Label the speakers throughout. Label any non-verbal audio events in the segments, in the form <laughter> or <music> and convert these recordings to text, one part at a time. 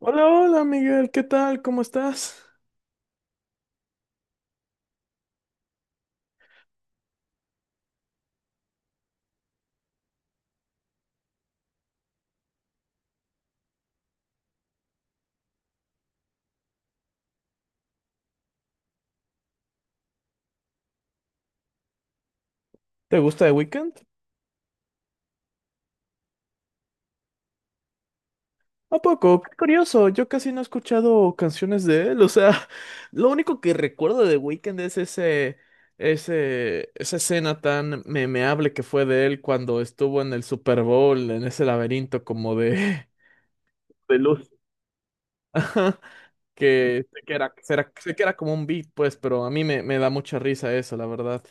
Speaker 1: Hola, hola Miguel, ¿qué tal? ¿Cómo estás? ¿Te gusta The Weeknd? ¿A poco? Qué curioso, yo casi no he escuchado canciones de él, o sea, <laughs> lo único que recuerdo de The Weeknd es esa escena tan memeable que fue de él cuando estuvo en el Super Bowl, en ese laberinto como de, <laughs> de luz. Ajá, que sé que era, sé que era como un beat, pues, pero a mí me da mucha risa eso, la verdad.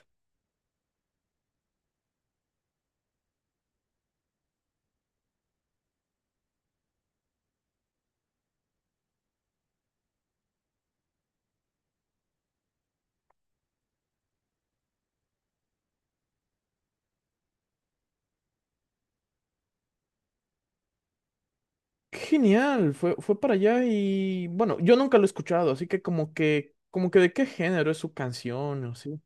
Speaker 1: Qué genial, fue para allá y bueno, yo nunca lo he escuchado, así que como que, como que de qué género es su canción o sí.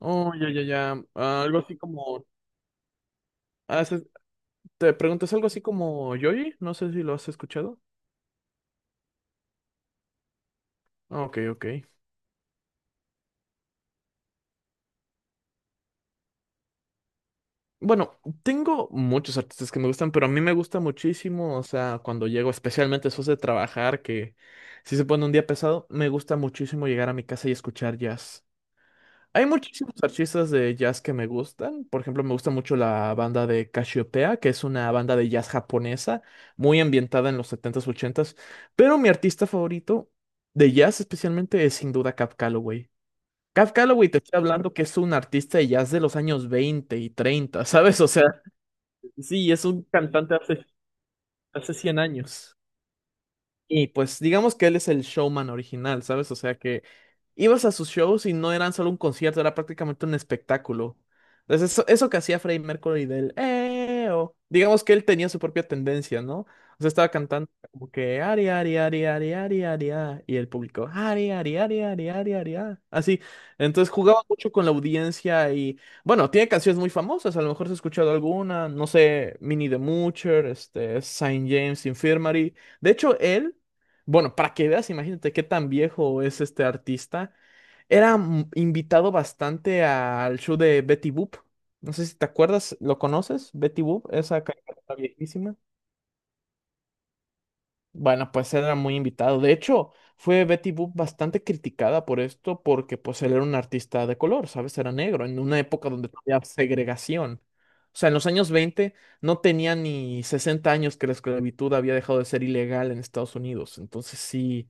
Speaker 1: Oh, ya, ya, ya. Ah, algo así como. ah, se- ¿Te preguntas algo así como Yoyi? No sé si lo has escuchado. Ah, ok, ok. Bueno, tengo muchos artistas que me gustan, pero a mí me gusta muchísimo, o sea, cuando llego, especialmente después de trabajar, que si se pone un día pesado, me gusta muchísimo llegar a mi casa y escuchar jazz. Hay muchísimos artistas de jazz que me gustan. Por ejemplo, me gusta mucho la banda de Cassiopeia, que es una banda de jazz japonesa, muy ambientada en los setentas ochentas. Pero mi artista favorito de jazz especialmente es sin duda Cab Calloway. Cab Calloway, te estoy hablando que es un artista de jazz de los años 20 y 30, <laughs> ¿sabes? O sea, sí, es un cantante hace 100 años. Y pues digamos que él es el showman original, ¿sabes? O sea que ibas a sus shows y no eran solo un concierto, era prácticamente un espectáculo. Entonces eso que hacía Freddie Mercury del "Eh", o digamos que él tenía su propia tendencia, ¿no? O sea, estaba cantando como que "Ari, Ari, Ari, Ari, Ari, Ari, ah", y el público "Ari, Ari, Ari, Ari, Ari, Ari, ah", así. Entonces jugaba mucho con la audiencia y bueno, tiene canciones muy famosas, a lo mejor has escuchado alguna, no sé, Minnie the Moocher, este, Saint James Infirmary. De hecho, él bueno, para que veas, imagínate qué tan viejo es este artista. Era invitado bastante al show de Betty Boop. No sé si te acuerdas, ¿lo conoces? Betty Boop, esa caricatura viejísima. Bueno, pues era muy invitado. De hecho, fue Betty Boop bastante criticada por esto porque pues él era un artista de color, ¿sabes? Era negro, en una época donde todavía había segregación. O sea, en los años 20 no tenía ni 60 años que la esclavitud había dejado de ser ilegal en Estados Unidos. Entonces sí,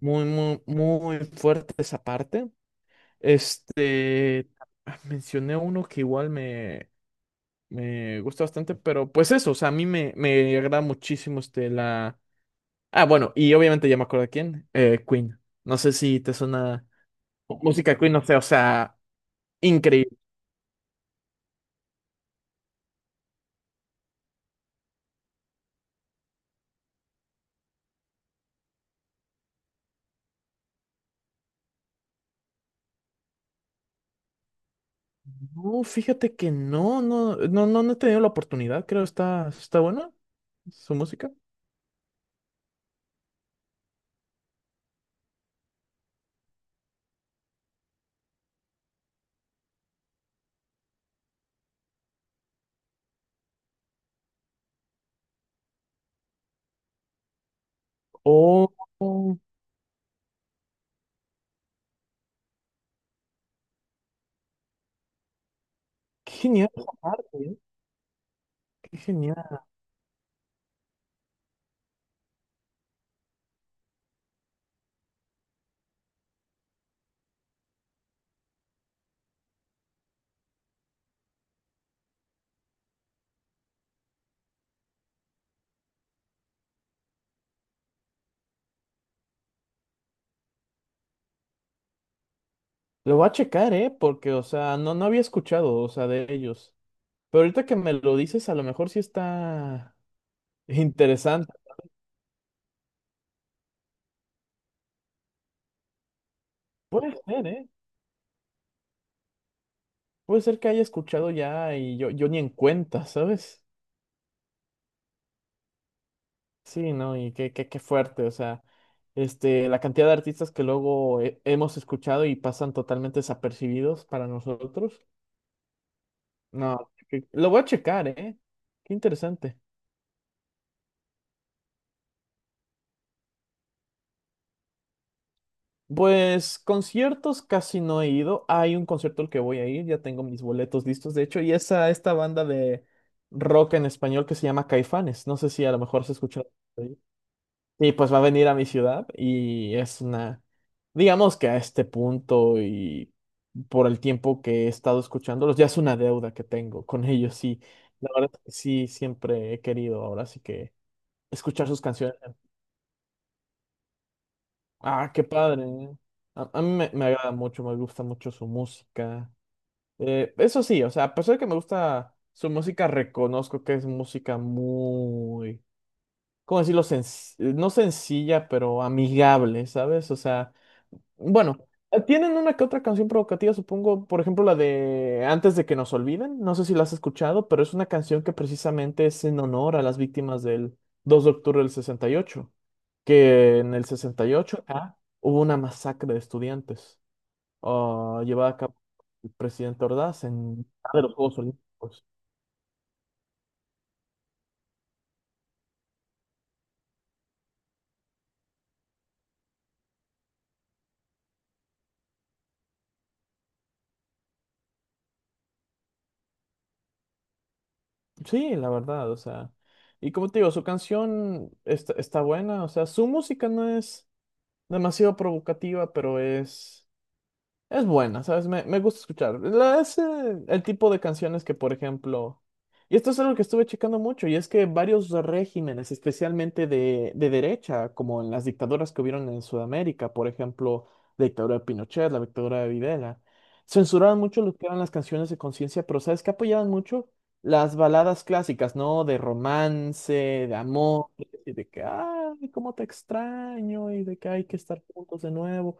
Speaker 1: muy, muy, muy fuerte esa parte. Este, mencioné uno que igual me gusta bastante, pero pues eso, o sea, a mí me agrada muchísimo este, la... Ah, bueno, y obviamente ya me acuerdo de quién, Queen. No sé si te suena música Queen, no sé, o sea, increíble. No, fíjate que no, no, no, no, no he tenido la oportunidad, creo, está buena su música. Oh, oh, qué genial esa parte, ¿eh? Qué genial. Lo voy a checar, ¿eh? Porque, o sea, no, no había escuchado, o sea, de ellos. Pero ahorita que me lo dices, a lo mejor sí está <laughs> interesante. Puede ser, ¿eh? Puede ser que haya escuchado ya y yo ni en cuenta, ¿sabes? Sí, ¿no? Y qué fuerte, o sea, este, la cantidad de artistas que luego hemos escuchado y pasan totalmente desapercibidos para nosotros. No, que- lo voy a checar, ¿eh? Qué interesante. Pues conciertos casi no he ido. Hay un concierto al que voy a ir, ya tengo mis boletos listos, de hecho, y es a esta banda de rock en español que se llama Caifanes. No sé si a lo mejor se escucha por ahí. Y pues va a venir a mi ciudad y es una, digamos que a este punto y por el tiempo que he estado escuchándolos, ya es una deuda que tengo con ellos. Y la verdad es que sí, siempre he querido ahora, así que escuchar sus canciones. Ah, qué padre, ¿eh? A mí me agrada mucho, me gusta mucho su música. Eso sí, o sea, a pesar de que me gusta su música, reconozco que es música muy, ¿cómo decirlo? No sencilla, pero amigable, ¿sabes? O sea, bueno, tienen una que otra canción provocativa, supongo, por ejemplo, la de Antes de que nos olviden, no sé si la has escuchado, pero es una canción que precisamente es en honor a las víctimas del 2 de octubre del 68, que en el 68 acá hubo una masacre de estudiantes, ah, llevada a cabo el presidente Ordaz en de los Juegos Olímpicos. Sí, la verdad, o sea, y como te digo, su canción está buena, o sea, su música no es demasiado provocativa, pero es buena, ¿sabes? Me gusta escuchar. Es el tipo de canciones que, por ejemplo, y esto es algo que estuve checando mucho, y es que varios regímenes, especialmente de derecha, como en las dictaduras que hubieron en Sudamérica, por ejemplo, la dictadura de Pinochet, la dictadura de Videla, censuraban mucho lo que eran las canciones de conciencia, pero ¿sabes qué apoyaban mucho? Las baladas clásicas, ¿no? De romance, de amor, y de que, ay, cómo te extraño, y de que hay que estar juntos de nuevo.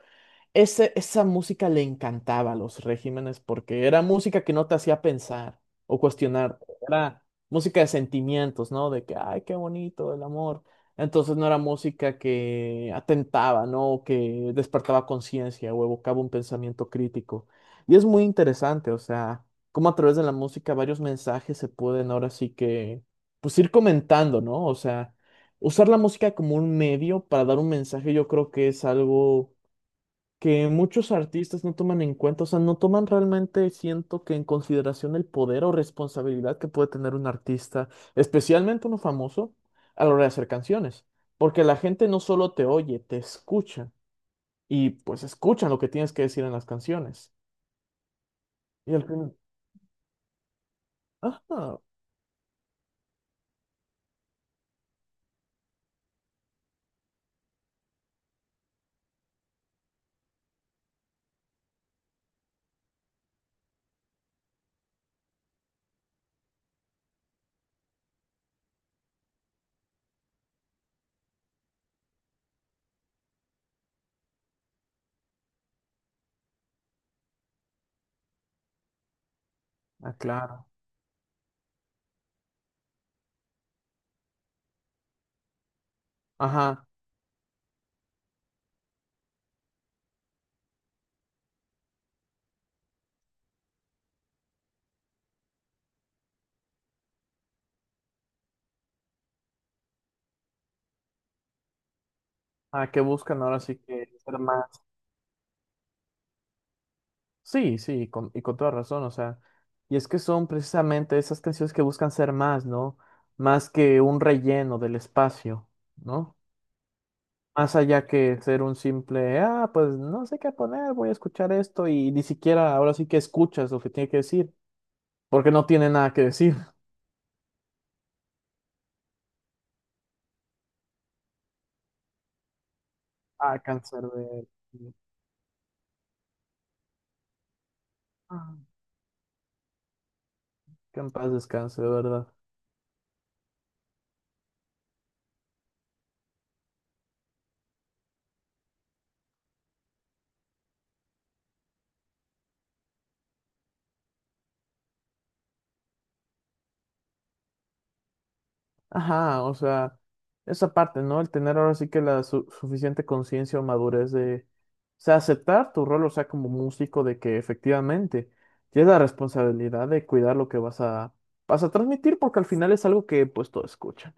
Speaker 1: Esa música le encantaba a los regímenes porque era música que no te hacía pensar o cuestionar, era música de sentimientos, ¿no? De que, ay, qué bonito el amor. Entonces no era música que atentaba, ¿no? O que despertaba conciencia o evocaba un pensamiento crítico. Y es muy interesante, o sea, cómo a través de la música varios mensajes se pueden ahora sí que, pues ir comentando, ¿no? O sea, usar la música como un medio para dar un mensaje, yo creo que es algo que muchos artistas no toman en cuenta, o sea, no toman realmente, siento que en consideración el poder o responsabilidad que puede tener un artista, especialmente uno famoso, a la hora de hacer canciones, porque la gente no solo te oye, te escucha y pues escuchan lo que tienes que decir en las canciones. Y al final, ajá, ah, claro, ajá, ah, que buscan ahora sí que ser más. Y con toda razón, o sea, y es que son precisamente esas canciones que buscan ser más, ¿no? Más que un relleno del espacio, ¿no? Más allá que ser un simple, ah, pues no sé qué poner, voy a escuchar esto y ni siquiera ahora sí que escuchas lo que tiene que decir, porque no tiene nada que decir. <laughs> Ah, cáncer de... Ah, que en paz descanse, de verdad. Ajá, o sea, esa parte, ¿no? El tener ahora sí que la suficiente conciencia o madurez de, o sea, aceptar tu rol, o sea, como músico, de que efectivamente tienes la responsabilidad de cuidar lo que vas a transmitir, porque al final es algo que pues todos escuchan.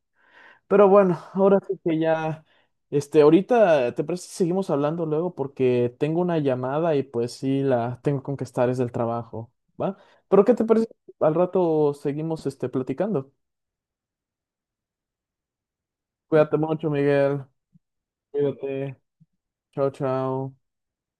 Speaker 1: Pero bueno, ahora sí que ya, este, ahorita, ¿te parece si seguimos hablando luego? Porque tengo una llamada y pues sí, la tengo con que estar, es del trabajo, ¿va? Pero ¿qué te parece si al rato seguimos, este, platicando? Cuídate mucho, Miguel. Cuídate. Chao, chao.